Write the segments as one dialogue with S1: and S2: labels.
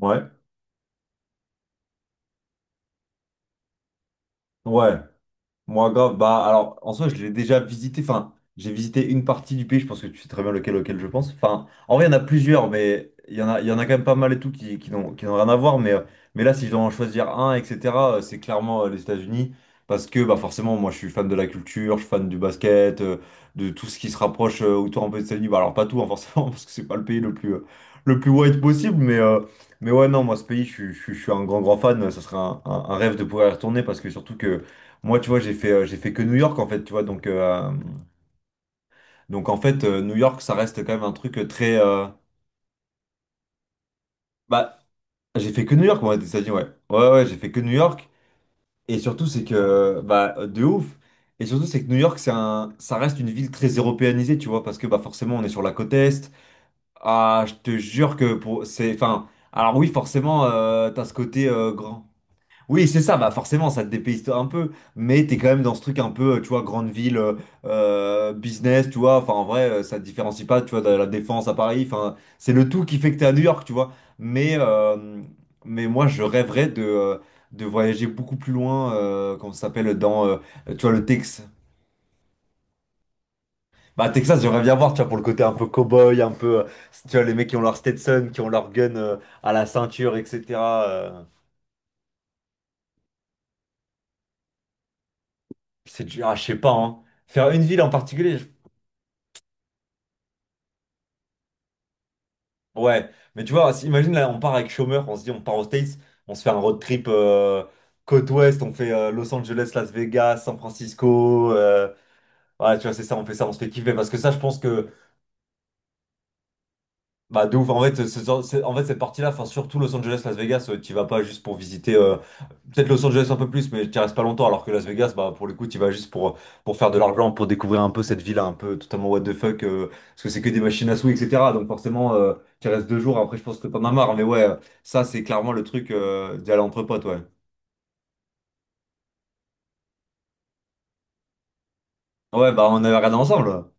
S1: Ouais, ouais. Moi, grave, bah alors en soi, je l'ai déjà visité, enfin, j'ai visité une partie du pays, je pense que tu sais très bien lequel, auquel je pense. Enfin, en vrai, il y en a plusieurs, mais il y en a quand même pas mal et tout qui n'ont rien à voir. Mais là, si je dois en choisir un, etc., c'est clairement les États-Unis. Parce que bah forcément, moi, je suis fan de la culture, je suis fan du basket, de tout ce qui se rapproche autour un peu des États-Unis. Bah, alors, pas tout, hein, forcément, parce que c'est pas le pays le plus white possible, mais. Ouais, non, moi, ce pays, je suis un grand, grand fan. Ça serait un rêve de pouvoir y retourner parce que surtout que moi, tu vois, j'ai fait que New York, en fait, tu vois. Donc en fait, New York, ça reste quand même un truc très. Bah, j'ai fait que New York, moi, ça dit, ouais. Ouais, ouais, j'ai fait que New York. Et surtout, c'est que. Bah, de ouf. Et surtout, c'est que New York, c'est un... ça reste une ville très européanisée, tu vois, parce que, bah, forcément, on est sur la côte Est. Ah, je te jure que pour. C'est. Enfin. Alors, oui, forcément, t'as ce côté grand. Oui, c'est ça, bah forcément, ça te dépayse un peu, mais t'es quand même dans ce truc un peu, tu vois, grande ville, business, tu vois, enfin en vrai, ça te différencie pas, tu vois, de la Défense à Paris, enfin, c'est le tout qui fait que t'es à New York, tu vois, mais, euh, mais moi, je rêverais de voyager beaucoup plus loin, comment ça s'appelle, dans, tu vois, le Texas. Bah, Texas, j'aimerais bien voir, tu vois, pour le côté un peu cow-boy, un peu, tu vois, les mecs qui ont leur Stetson, qui ont leur gun, à la ceinture, etc. euh, c'est dur, ah, je sais pas, hein. Faire une ville en particulier. Ouais, mais tu vois, imagine là, on part avec chômeur, on se dit on part aux States, on se fait un road trip côte ouest, on fait Los Angeles, Las Vegas, San Francisco. Voilà, tu vois, c'est ça, on fait ça, on se fait kiffer. Parce que ça, je pense que bah de ouf, en fait, en fait cette partie-là, enfin surtout Los Angeles, Las Vegas, tu vas pas juste pour visiter, peut-être Los Angeles un peu plus, mais tu restes pas longtemps, alors que Las Vegas, bah pour le coup, tu vas juste pour faire de l'argent, pour découvrir un peu cette ville un peu totalement what the fuck, parce que c'est que des machines à sous, etc. Donc forcément, tu restes 2 jours, après je pense que t'en as marre, mais ouais, ça c'est clairement le truc d'aller entre potes, ouais. Ouais, bah on avait regardé ensemble,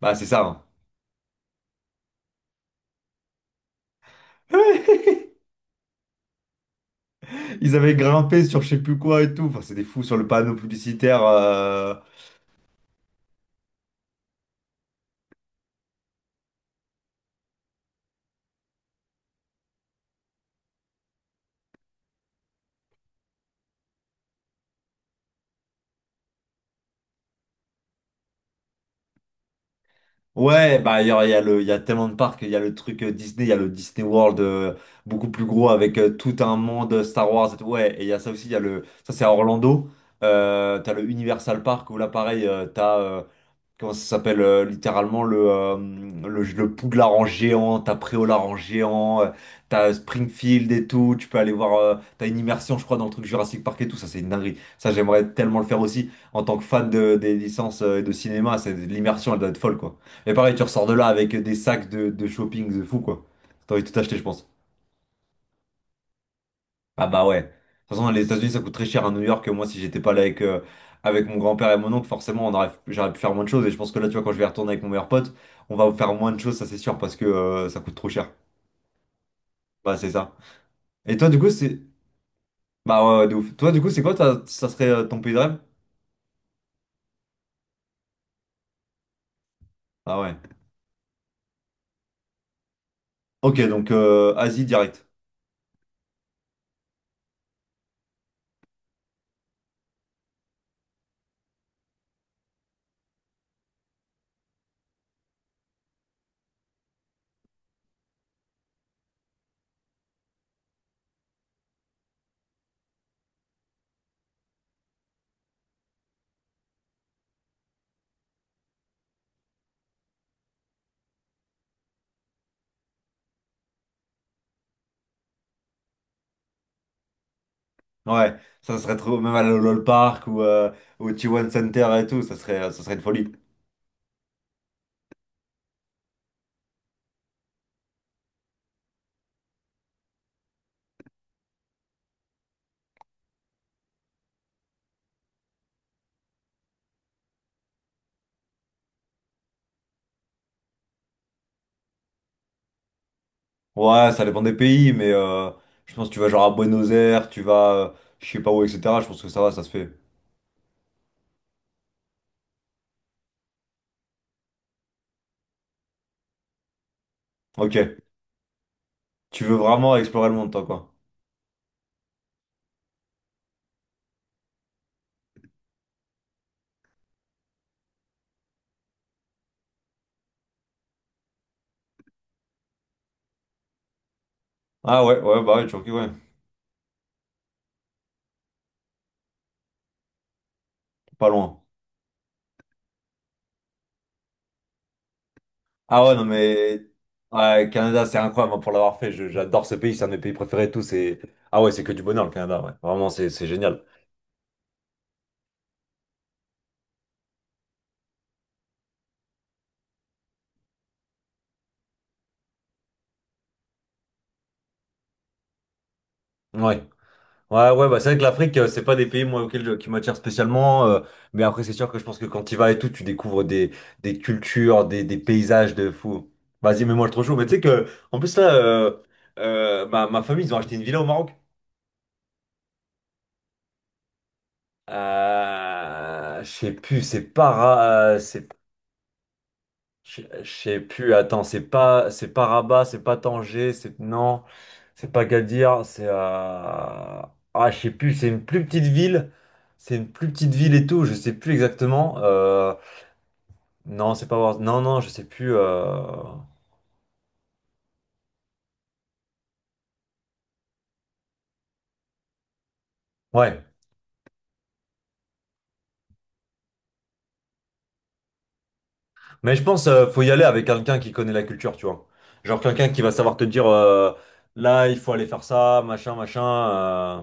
S1: bah c'est ça, hein. Ils avaient grimpé sur je sais plus quoi et tout, enfin c'est des fous sur le panneau publicitaire. Ouais, bah il y a tellement de parcs, il y a le truc Disney, il y a le Disney World beaucoup plus gros avec tout un monde Star Wars et tout. Ouais, et il y a ça aussi, il y a le, ça c'est à Orlando. T'as le Universal Park où là pareil, tu t'as comment ça s'appelle littéralement le Poudlard en géant, t'as Préolard en géant, t'as Springfield et tout, tu peux aller voir, t'as une immersion je crois dans le truc Jurassic Park et tout, ça c'est une dinguerie. Ça j'aimerais tellement le faire aussi en tant que fan des licences et de cinéma, c'est l'immersion elle doit être folle quoi. Et pareil tu ressors de là avec des sacs de shopping de fou quoi. T'as envie de tout acheter je pense. Ah bah ouais. De toute façon, les États-Unis, ça coûte très cher à New York. Moi, si j'étais pas là avec, avec mon grand-père et mon oncle, forcément, j'aurais pu faire moins de choses. Et je pense que là, tu vois, quand je vais retourner avec mon meilleur pote, on va faire moins de choses, ça c'est sûr, parce que ça coûte trop cher. Bah, c'est ça. Et toi, du coup, c'est... Bah ouais, ouais, de ouf. Toi, du coup, c'est quoi, ça serait ton pays de rêve? Ah ouais. Ok, donc Asie direct. Ouais, ça serait trop... Même à l'Olol Park ou au T1 Center et tout, ça serait une folie. Ouais, ça dépend des pays, mais je pense que tu vas genre à Buenos Aires, tu vas je sais pas où, etc. Je pense que ça va, ça se fait. Ok, tu veux vraiment explorer le monde, toi, quoi. Ah ouais, ouais, bah ouais, Turquie, ouais, pas loin. Ah ouais, non, mais ouais, Canada, c'est incroyable hein, pour l'avoir fait. J'adore ce pays, c'est un de mes pays préférés et tout. C'est... Ah ouais, c'est que du bonheur, le Canada, ouais. Vraiment, c'est génial. Ouais. Ouais, ouais, bah c'est vrai que l'Afrique, c'est pas des pays moi, qui m'attirent spécialement. Mais après, c'est sûr que je pense que quand tu y vas et tout, tu découvres des cultures, des paysages de fou. Vas-y, mets-moi le trop chaud. Mais tu sais que, en plus, là, ma famille, ils ont acheté une villa au Maroc. Je sais plus, c'est para, c'est je sais plus, attends, c'est pas Rabat, c'est pas Tanger, c'est non, c'est pas Gadir, c'est à ah je sais plus, c'est une plus petite ville et tout, je sais plus exactement. Non, c'est pas non, non, je sais plus. Ouais, mais je pense faut y aller avec quelqu'un qui connaît la culture, tu vois. Genre quelqu'un qui va savoir te dire là il faut aller faire ça, machin machin. euh,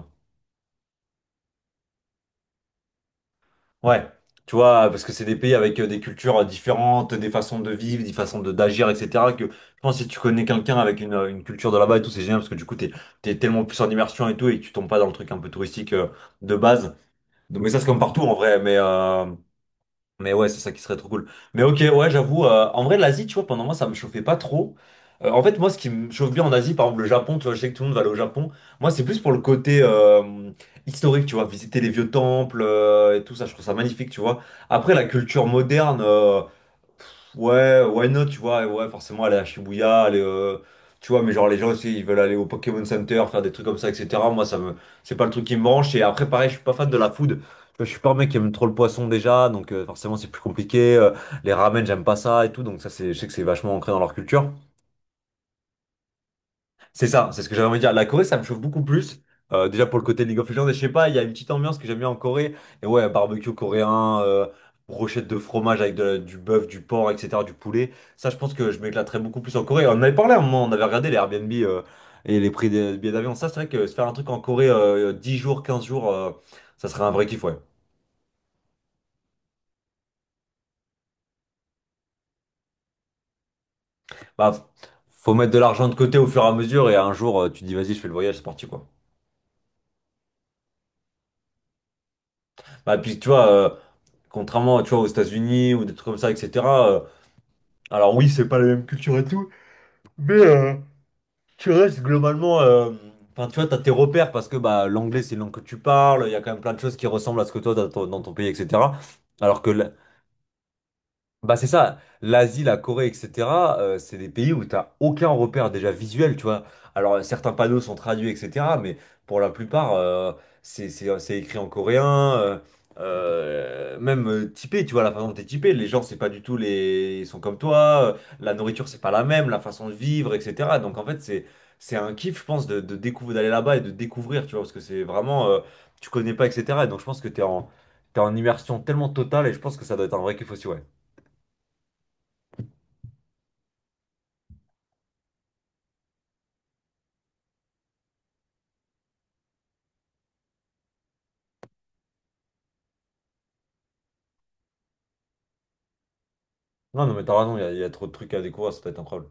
S1: Ouais, tu vois, parce que c'est des pays avec des cultures différentes, des façons de vivre, des façons de d'agir, etc. Que je pense que si tu connais quelqu'un avec une culture de là-bas et tout, c'est génial parce que du coup, t'es, tellement plus en immersion et tout et que tu tombes pas dans le truc un peu touristique de base. Donc, mais ça, c'est comme partout en vrai. Mais ouais, c'est ça qui serait trop cool. Mais ok, ouais, j'avoue, en vrai, l'Asie, tu vois, pendant moi, ça me chauffait pas trop. En fait, moi, ce qui me chauffe bien en Asie, par exemple, le Japon, tu vois, je sais que tout le monde va aller au Japon. Moi, c'est plus pour le côté historique, tu vois, visiter les vieux temples et tout ça, je trouve ça magnifique, tu vois. Après, la culture moderne. Ouais, why not, tu vois, et ouais, forcément aller à Shibuya, tu vois, mais genre les gens aussi, ils veulent aller au Pokémon Center, faire des trucs comme ça, etc. Moi, c'est pas le truc qui me branche. Et après, pareil, je suis pas fan de la food. Tu vois, je suis pas un mec qui aime trop le poisson déjà, donc forcément c'est plus compliqué. Les ramen, j'aime pas ça et tout, donc ça, je sais que c'est vachement ancré dans leur culture. C'est ça, c'est ce que j'avais envie de dire. La Corée, ça me chauffe beaucoup plus. Déjà pour le côté League of Legends, et je sais pas, il y a une petite ambiance que j'aime bien en Corée. Et ouais, barbecue coréen, brochette de fromage avec du bœuf, du porc, etc., du poulet. Ça, je pense que je m'éclaterais beaucoup plus en Corée. On en avait parlé à un moment, on avait regardé les Airbnb et les prix des billets d'avion. Ça, c'est vrai que se faire un truc en Corée 10 jours, 15 jours, ça serait un vrai kiff, ouais. Bah, faut mettre de l'argent de côté au fur et à mesure, et un jour, tu te dis, vas-y, je fais le voyage, c'est parti, quoi. Bah, puis tu vois. Contrairement, tu vois, aux États-Unis ou des trucs comme ça, etc. Alors oui, c'est pas la même culture et tout, mais tu restes globalement... Enfin, tu vois, t'as tes repères parce que bah, l'anglais, c'est une langue que tu parles, il y a quand même plein de choses qui ressemblent à ce que toi, dans ton pays, etc. Alors que bah c'est ça, l'Asie, la Corée, etc., c'est des pays où t'as aucun repère déjà visuel, tu vois. Alors certains panneaux sont traduits, etc., mais pour la plupart, c'est écrit en coréen, même typé, tu vois, la façon dont t'es typé, les gens, c'est pas du tout les... Ils sont comme toi, la nourriture, c'est pas la même, la façon de vivre, etc. Donc en fait, c'est un kiff, je pense, de découvrir, d'aller là-bas et de découvrir, tu vois, parce que c'est vraiment... tu connais pas, etc. Et donc je pense que t'es en, immersion tellement totale et je pense que ça doit être un vrai kiff aussi, ouais. Non, non, mais t'as raison, il y a trop de trucs à découvrir, ça peut être incroyable.